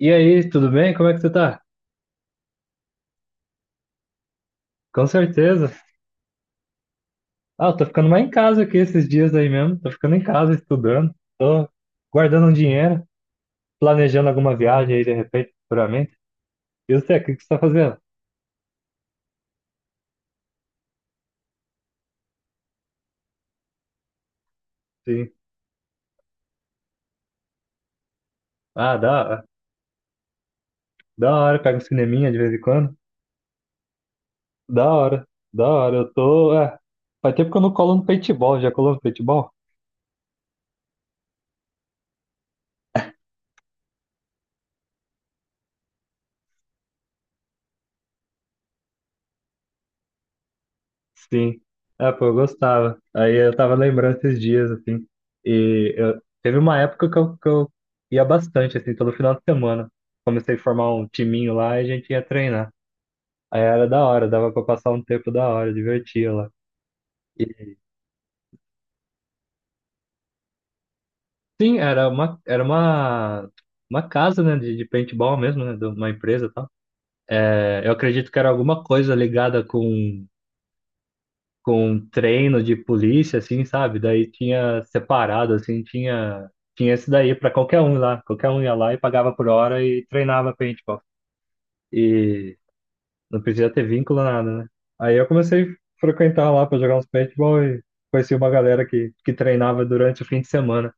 E aí, tudo bem? Como é que você tá? Com certeza. Ah, eu tô ficando mais em casa aqui esses dias aí mesmo. Tô ficando em casa estudando. Tô guardando um dinheiro, planejando alguma viagem aí de repente, futuramente. E você, o que que você tá fazendo? Sim. Ah, da hora. Pega um cineminha de vez em quando. Da hora. Da hora. Faz tempo que eu não colo no paintball. Já colou no paintball? Sim. Ah, pô, eu gostava. Aí eu tava lembrando esses dias, assim. Teve uma época que eu ia bastante, assim, todo final de semana. Comecei a formar um timinho lá e a gente ia treinar. Aí era da hora, dava pra passar um tempo da hora, divertia lá. E, sim, era uma casa, né, de paintball mesmo, né, de uma empresa e tal. É, eu acredito que era alguma coisa ligada com um treino de polícia, assim, sabe? Daí tinha separado, assim, tinha esse daí para qualquer um lá. Qualquer um ia lá e pagava por hora e treinava paintball. E não podia ter vínculo, nada, né? Aí eu comecei a frequentar lá para jogar uns paintball e conheci uma galera que treinava durante o fim de semana.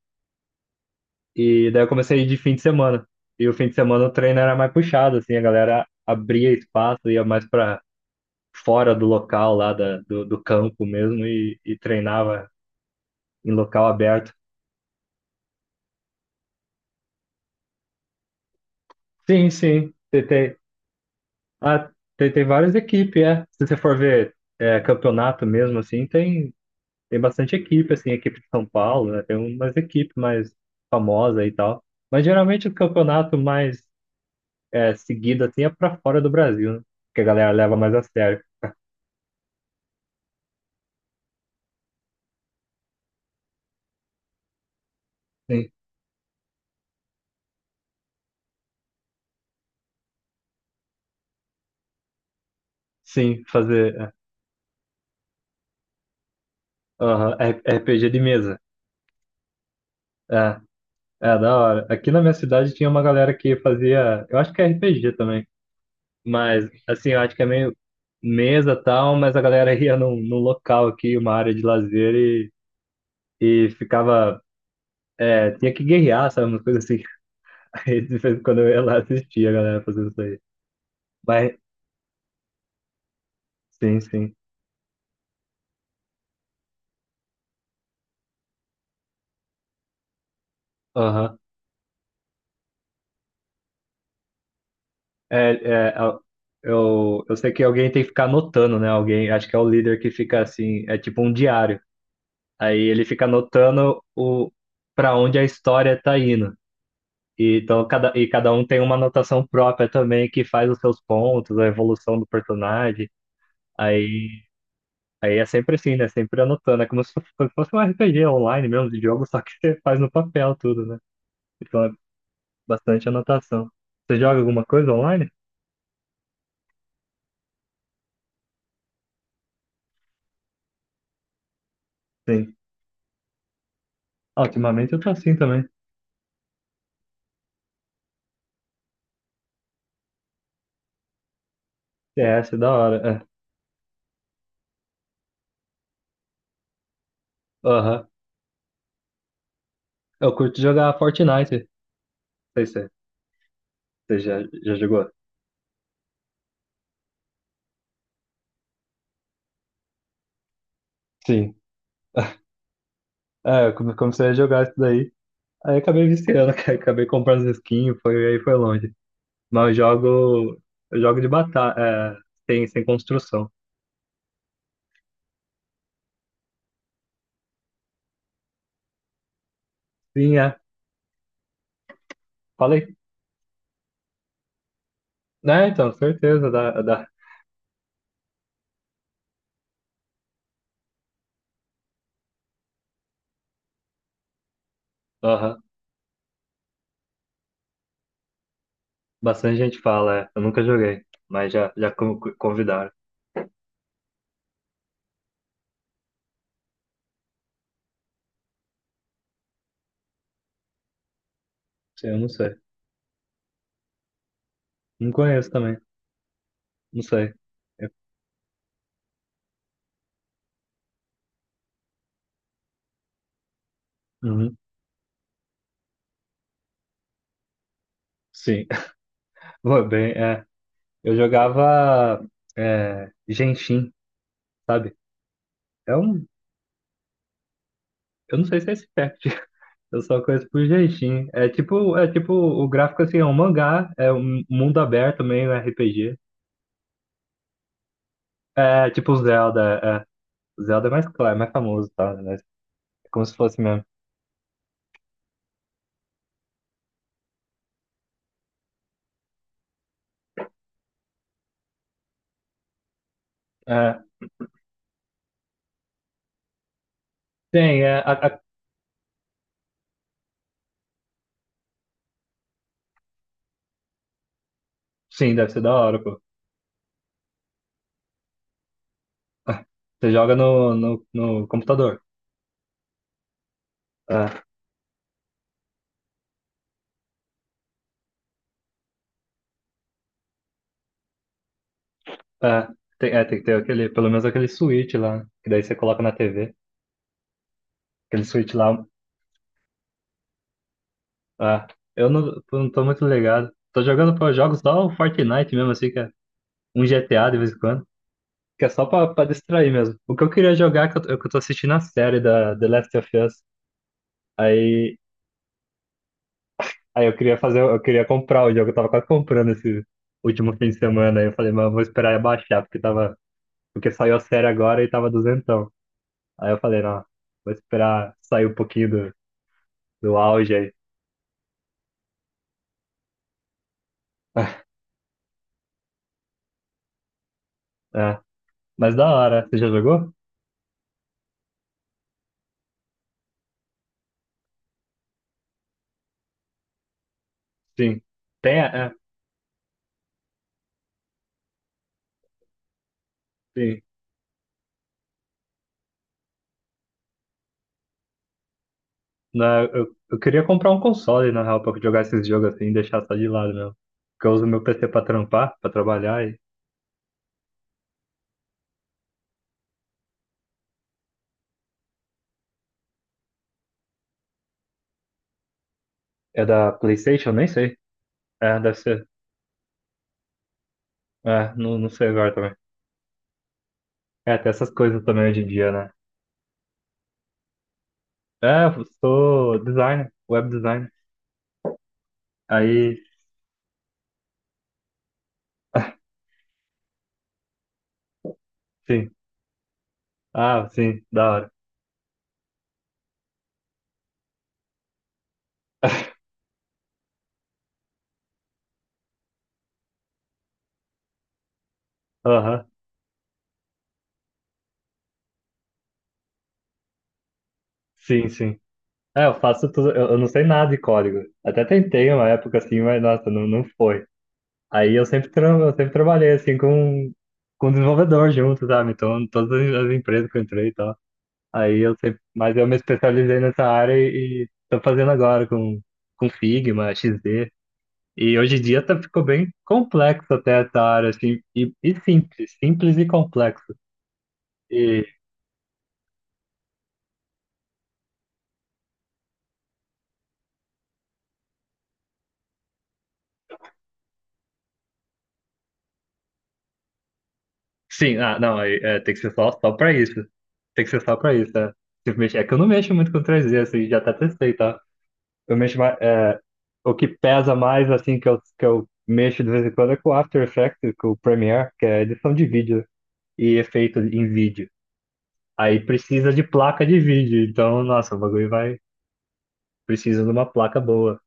E daí eu comecei a ir de fim de semana. E o fim de semana o treino era mais puxado, assim, a galera abria espaço, ia mais para fora do local lá do campo mesmo e treinava em local aberto. Sim, sim. Ah, tem várias equipes, é. Se você for ver é, campeonato mesmo, assim, tem bastante equipe, assim, equipe de São Paulo, né? Tem umas equipes mais famosas e tal. Mas geralmente o campeonato mais seguido, assim, é pra fora do Brasil, né? Que a galera leva mais a sério. Sim. Sim, aham, RPG de mesa. É, é da hora. Aqui na minha cidade tinha uma galera que fazia, eu acho que é RPG também. Mas, assim, eu acho que é meio mesa e tal, mas a galera ia num local aqui, uma área de lazer, e ficava. É, tinha que guerrear, sabe? Umas coisas assim. Aí, de vez em quando eu ia lá assistir a galera fazendo isso aí. Mas, sim, sim. Aham. É, é, a- eu sei que alguém tem que ficar anotando, né? Alguém, acho que é o líder que fica assim, é tipo um diário. Aí ele fica anotando o, pra onde a história tá indo. E, então, cada um tem uma anotação própria também que faz os seus pontos, a evolução do personagem. Aí, aí é sempre assim, né? Sempre anotando. É como se fosse um RPG online mesmo, de jogo, só que você faz no papel tudo, né? Então é bastante anotação. Você joga alguma coisa online? Sim. Ah, ultimamente eu tô assim também. C S da hora. É. Aham. Eu curto jogar Fortnite. Não sei se você já jogou. Sim. É, eu comecei a jogar isso daí. Aí acabei viciando, cara. Acabei comprando as skins, foi, aí foi longe. Mas eu jogo de batalha, sem construção. Sim, é. Falei. Né, então, certeza. Dá, dá. Aham. Bastante gente fala, é. Eu nunca joguei, mas já convidaram. Sim, eu não sei. Não conheço também. Não sei. É, uhum, sim. Foi bem, é. Eu jogava Genshin, sabe? É um. Eu não sei se é esse pack. Eu só conheço por Genshin. É tipo, o gráfico assim, é um mangá, é um mundo aberto, meio RPG. É, tipo o Zelda, é. Zelda é mais claro, mais famoso, tá? Mas é como se fosse mesmo. É, sim, sim, deve ser da hora, pô. Você joga no computador. É, é, é, tem que ter aquele, pelo menos aquele switch lá, que daí você coloca na TV. Aquele switch lá. É, eu não tô muito ligado. Tô jogando, pô, eu jogo só o Fortnite mesmo, assim, que é um GTA de vez em quando. Que é só pra distrair mesmo. O que eu queria jogar, é que eu tô assistindo a série da The Last of Us. Aí Aí eu queria comprar o jogo, eu tava quase comprando esse último fim de semana. Aí eu falei, mas eu vou esperar abaixar, porque saiu a série agora e tava duzentão. Aí eu falei, não, vou esperar sair um pouquinho do auge aí. É, mas da hora, você já jogou? Sim. Tem, é, sim. Eu queria comprar um console, na real, pra jogar esses jogos assim e deixar só de lado mesmo. Porque eu uso meu PC pra trampar, pra trabalhar. É da PlayStation? Nem sei. É, deve ser. É, não, não sei agora também. É, tem essas coisas também hoje em dia, né? É, eu sou designer, web designer. Aí, sim. Ah, sim, da hora. Aham, sim, sim. É, eu faço tudo, eu não sei nada de código. Até tentei uma época assim, mas nossa, não, não foi. Aí eu sempre, tra eu sempre trabalhei assim com desenvolvedor junto, sabe? Então, em todas as empresas que eu entrei e tal. Mas eu me especializei nessa área e tô fazendo agora com Figma, XD. E hoje em dia tá, ficou bem complexo até essa área, assim, e simples, simples e complexo. E sim, ah, não, aí, é, tem que ser só pra isso. Tem que ser só pra isso, né? Se mexer- É que eu não mexo muito com 3D, assim, já até testei, tá? Eu mexo mais, o que pesa mais, assim, que eu mexo de vez em quando é com o After Effects, com o Premiere, que é edição de vídeo e efeito em vídeo. Aí precisa de placa de vídeo, então, nossa, o bagulho vai, precisa de uma placa boa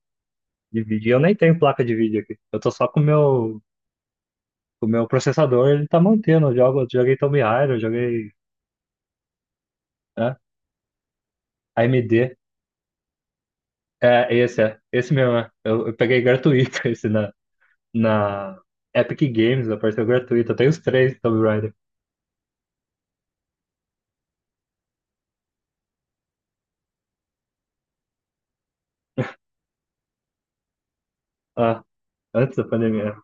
de vídeo. Eu nem tenho placa de vídeo aqui. Eu tô só com o meu processador, ele tá mantendo. Eu joguei Tomb Raider, eu joguei, né, AMD. É. Esse mesmo, é. Eu peguei gratuito esse na Epic Games, apareceu gratuito. Eu tenho os três Tomb Raider. Ah, antes da pandemia.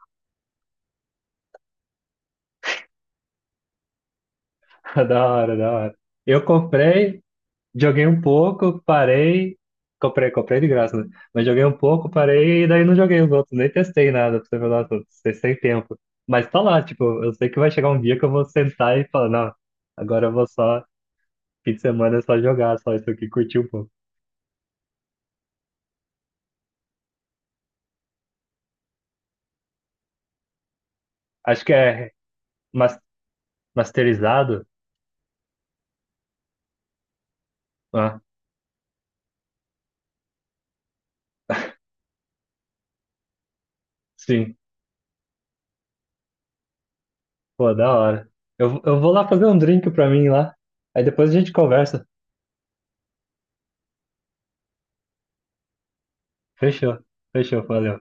Da hora, da hora. Eu comprei. Joguei um pouco, parei. Comprei de graça, né? Mas joguei um pouco, parei e daí não joguei os outros. Nem testei nada pra você ver, nossa, sem tempo. Mas tá lá, tipo, eu sei que vai chegar um dia que eu vou sentar e falar, não, agora eu vou só, fim de semana é só jogar, só isso aqui, curtir um pouco. Acho que é mas- masterizado? Ah, sim. Pô, da hora. Eu vou lá fazer um drink pra mim lá. Aí depois a gente conversa. Fechou, fechou, valeu.